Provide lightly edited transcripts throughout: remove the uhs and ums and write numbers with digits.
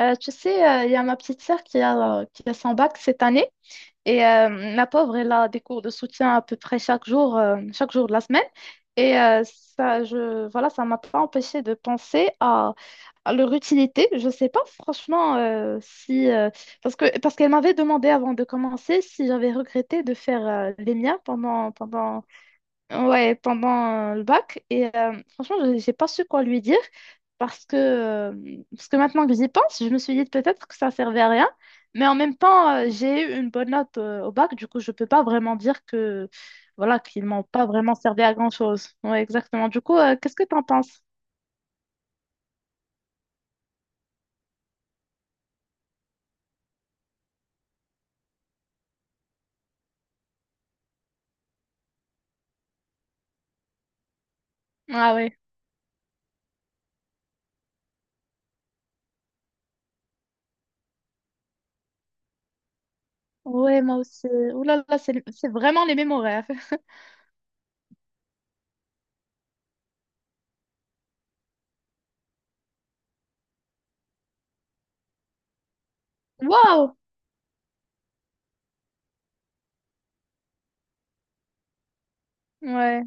Il y a ma petite sœur qui a son bac cette année. La pauvre, elle a des cours de soutien à peu près chaque jour de la semaine. Ça m'a pas empêché de penser à leur utilité. Je sais pas franchement si... parce que, parce qu'elle m'avait demandé avant de commencer si j'avais regretté de faire les miens pendant ouais, pendant le bac. Franchement, j'ai pas su quoi lui dire parce que maintenant que j'y pense, je me suis dit peut-être que ça servait à rien. Mais en même temps, j'ai eu une bonne note au bac, du coup, je peux pas vraiment dire que, voilà, qu'ils m'ont pas vraiment servi à grand-chose. Ouais, exactement. Du coup, qu'est-ce que t'en penses? Ah ouais. Ouais, moi aussi. Ouh là là, c'est vraiment les mêmes horaires. Waouh! Ouais,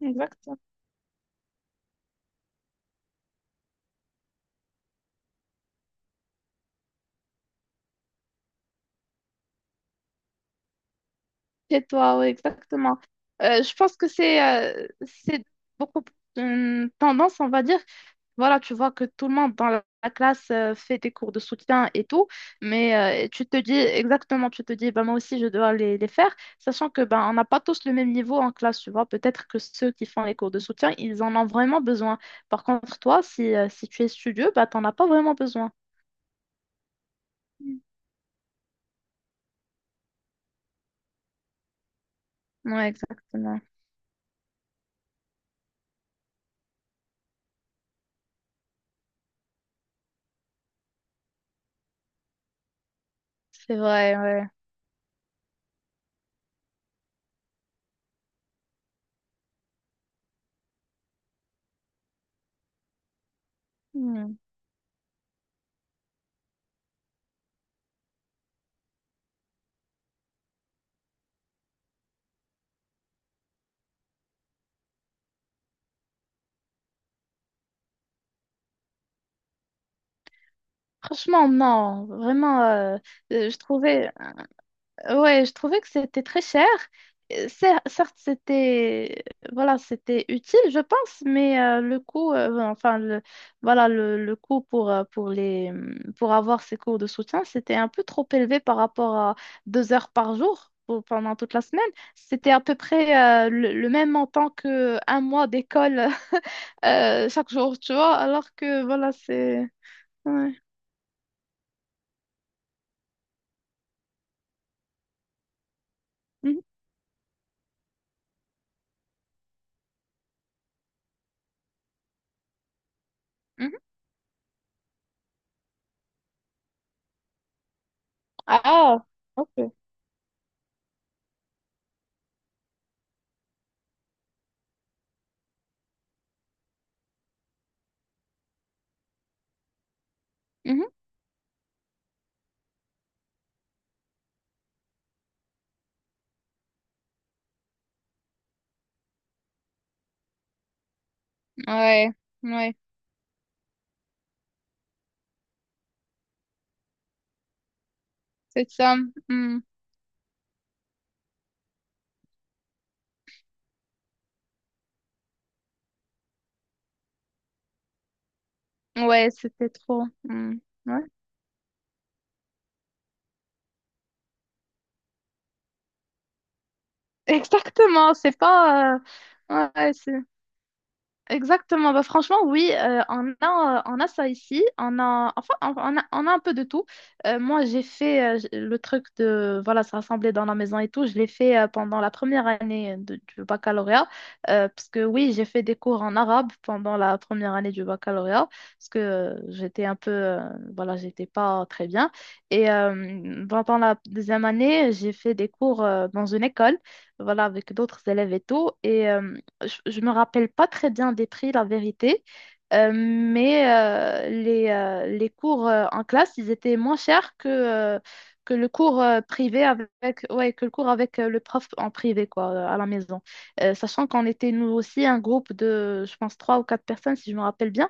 exact. Chez toi, oui, exactement. Je pense que c'est beaucoup plus une tendance, on va dire. Voilà, tu vois que tout le monde dans la classe fait des cours de soutien et tout, mais tu te dis exactement, tu te dis, bah, moi aussi, je dois les faire, sachant que ben on n'a pas tous le même niveau en classe, tu vois. Peut-être que ceux qui font les cours de soutien, ils en ont vraiment besoin. Par contre, toi, si tu es studieux, bah, tu n'en as pas vraiment besoin. Mm. Ouais, exactement. C'est vrai, ouais. Mmh. Franchement, non, euh, je trouvais, ouais, je trouvais que c'était très cher. Certes, c'était utile, je pense, mais le coût, enfin, le, voilà, le coût pour pour avoir ces cours de soutien, c'était un peu trop élevé par rapport à deux heures par jour pendant toute la semaine. C'était à peu près le même montant que un mois d'école chaque jour, tu vois, alors que, voilà, c'est, ouais. Mhm. Ah, ok. Mhm. Ouais, ouais, c'est ça. Hmm. Ouais, c'était trop. Hmm. Ouais. Exactement, c'est pas. Ouais, exactement. Bah, franchement, oui, on a ça ici. On a, enfin, on a un peu de tout. Moi, j'ai fait le truc de voilà, se rassembler dans la maison et tout. Je l'ai fait pendant la première du baccalauréat. Parce que oui, j'ai fait des cours en arabe pendant la première année du baccalauréat. Parce que j'étais un peu, voilà, j'étais pas très bien. Pendant la deuxième année, j'ai fait des cours dans une école, voilà, avec d'autres élèves et tout. Je ne me rappelle pas très bien des prix, la vérité, les cours en classe, ils étaient moins chers que le cours privé avec, ouais, que le cours avec le prof en privé, quoi, à la maison. Sachant qu'on était nous aussi un groupe de, je pense, trois ou quatre personnes, si je me rappelle bien.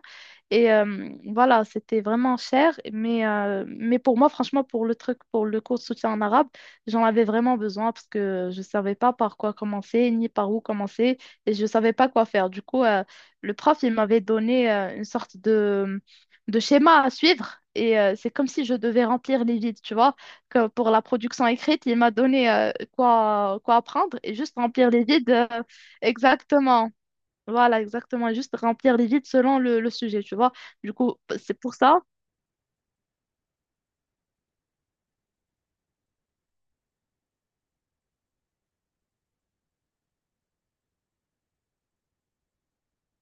C'était vraiment cher, mais pour moi, franchement, pour le truc, pour le cours de soutien en arabe, j'en avais vraiment besoin parce que je ne savais pas par quoi commencer, ni par où commencer et je savais pas quoi faire. Du coup, le prof, il m'avait donné une sorte de schéma à suivre. C'est comme si je devais remplir les vides, tu vois. Que pour la production écrite, il m'a donné quoi, quoi apprendre et juste remplir les vides exactement. Voilà, exactement. Juste remplir les vides selon le sujet, tu vois. Du coup, c'est pour ça.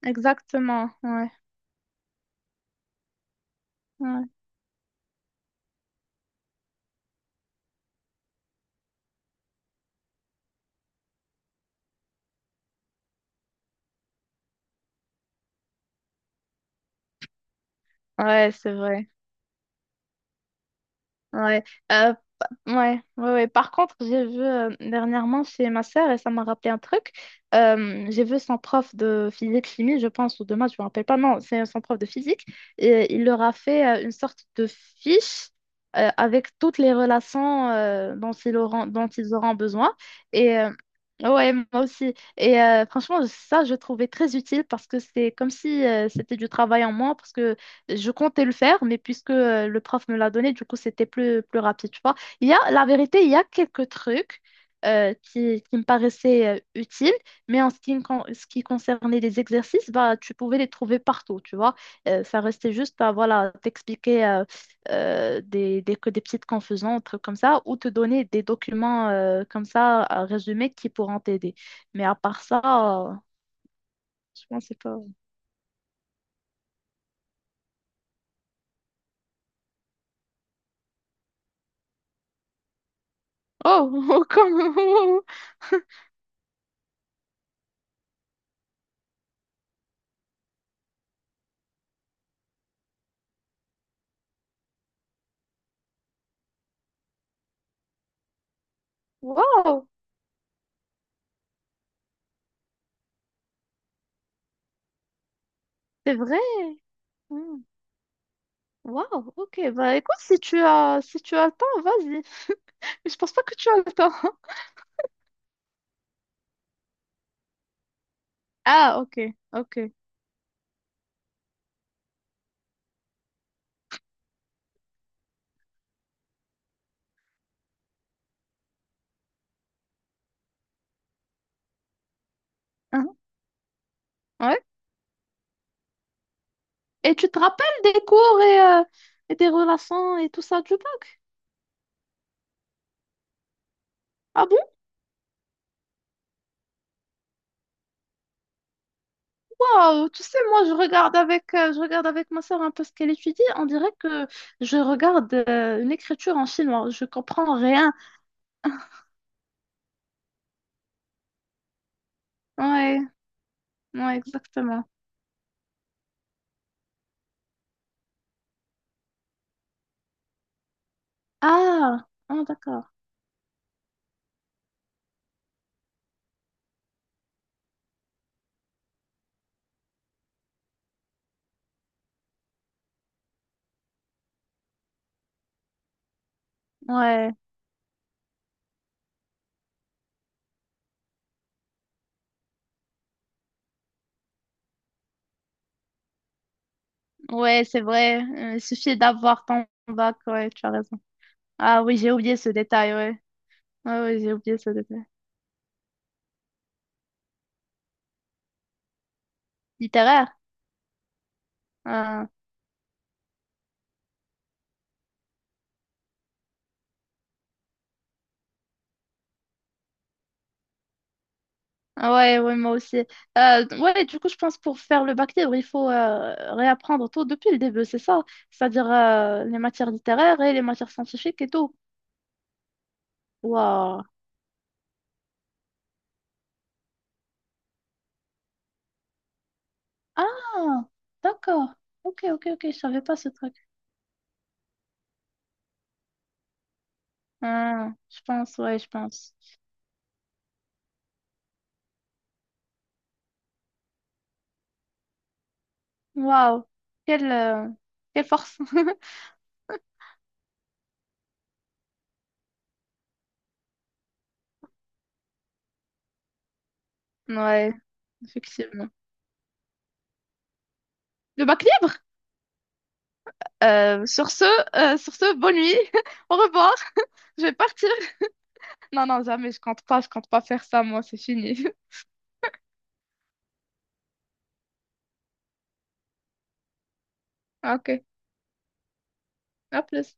Exactement. Ouais, ouais. Ouais, c'est vrai. Ouais, euh, ouais, ouais, ouais. Par contre, j'ai vu dernièrement chez ma sœur, et ça m'a rappelé un truc, j'ai vu son prof de physique-chimie, je pense, ou de maths, je me rappelle pas, non, c'est son prof de physique, et il leur a fait une sorte de fiche avec toutes les relations dont ils auront besoin. Et euh, ouais, moi aussi. Franchement, ça, je trouvais très utile parce que c'est comme si c'était du travail en moins, parce que je comptais le faire, mais puisque le prof me l'a donné, du coup, plus rapide, tu vois. Il y a, la vérité, il y a quelques trucs qui me paraissaient utiles, mais en ce qui, me con- ce qui concernait les exercices, bah, tu pouvais les trouver partout, tu vois. Ça restait juste, bah, voilà, t'expliquer que des petites confusions, des trucs comme ça, ou te donner des documents comme ça, à résumer, qui pourront t'aider. Mais à part ça, euh, je pensais pas. Oh, comme Wow, c'est vrai. Hmm. Waouh, ok. Bah écoute, si tu as le temps, vas-y. Mais je pense pas que tu as le temps. Ah, ok, ok. Hein, ouais. Et tu te rappelles des cours et des relations et tout ça du bac? Ah bon, waouh. Tu sais, moi, je regarde avec ma soeur un peu ce qu'elle étudie. On dirait que je regarde une écriture en chinois. Je comprends rien. Ouais, ouais, exactement. Ah, ah, d'accord. Ouais, ouais, c'est vrai. Il suffit d'avoir ton bac. Ouais, tu as raison. Ah oui, j'ai oublié ce détail, ouais. Ouais, ouais, j'ai oublié ce détail. Littéraire? Ah, ah ouais, ouais, moi aussi. Ouais, du coup, je pense pour faire le bac libre, il faut réapprendre tout depuis le début, c'est ça? C'est-à-dire les matières littéraires et les matières scientifiques et tout. Waouh. Ah, d'accord. Ok, ok, ok, je savais pas ce truc. Ah, je pense, ouais, je pense. Waouh. Quelle, euh, quelle force. Ouais, effectivement. Le bac libre? Euh, sur ce, sur ce, bonne nuit. Au revoir. Je vais partir. Non, non, jamais, je compte pas faire ça, moi, c'est fini. Ah, ok, à plus.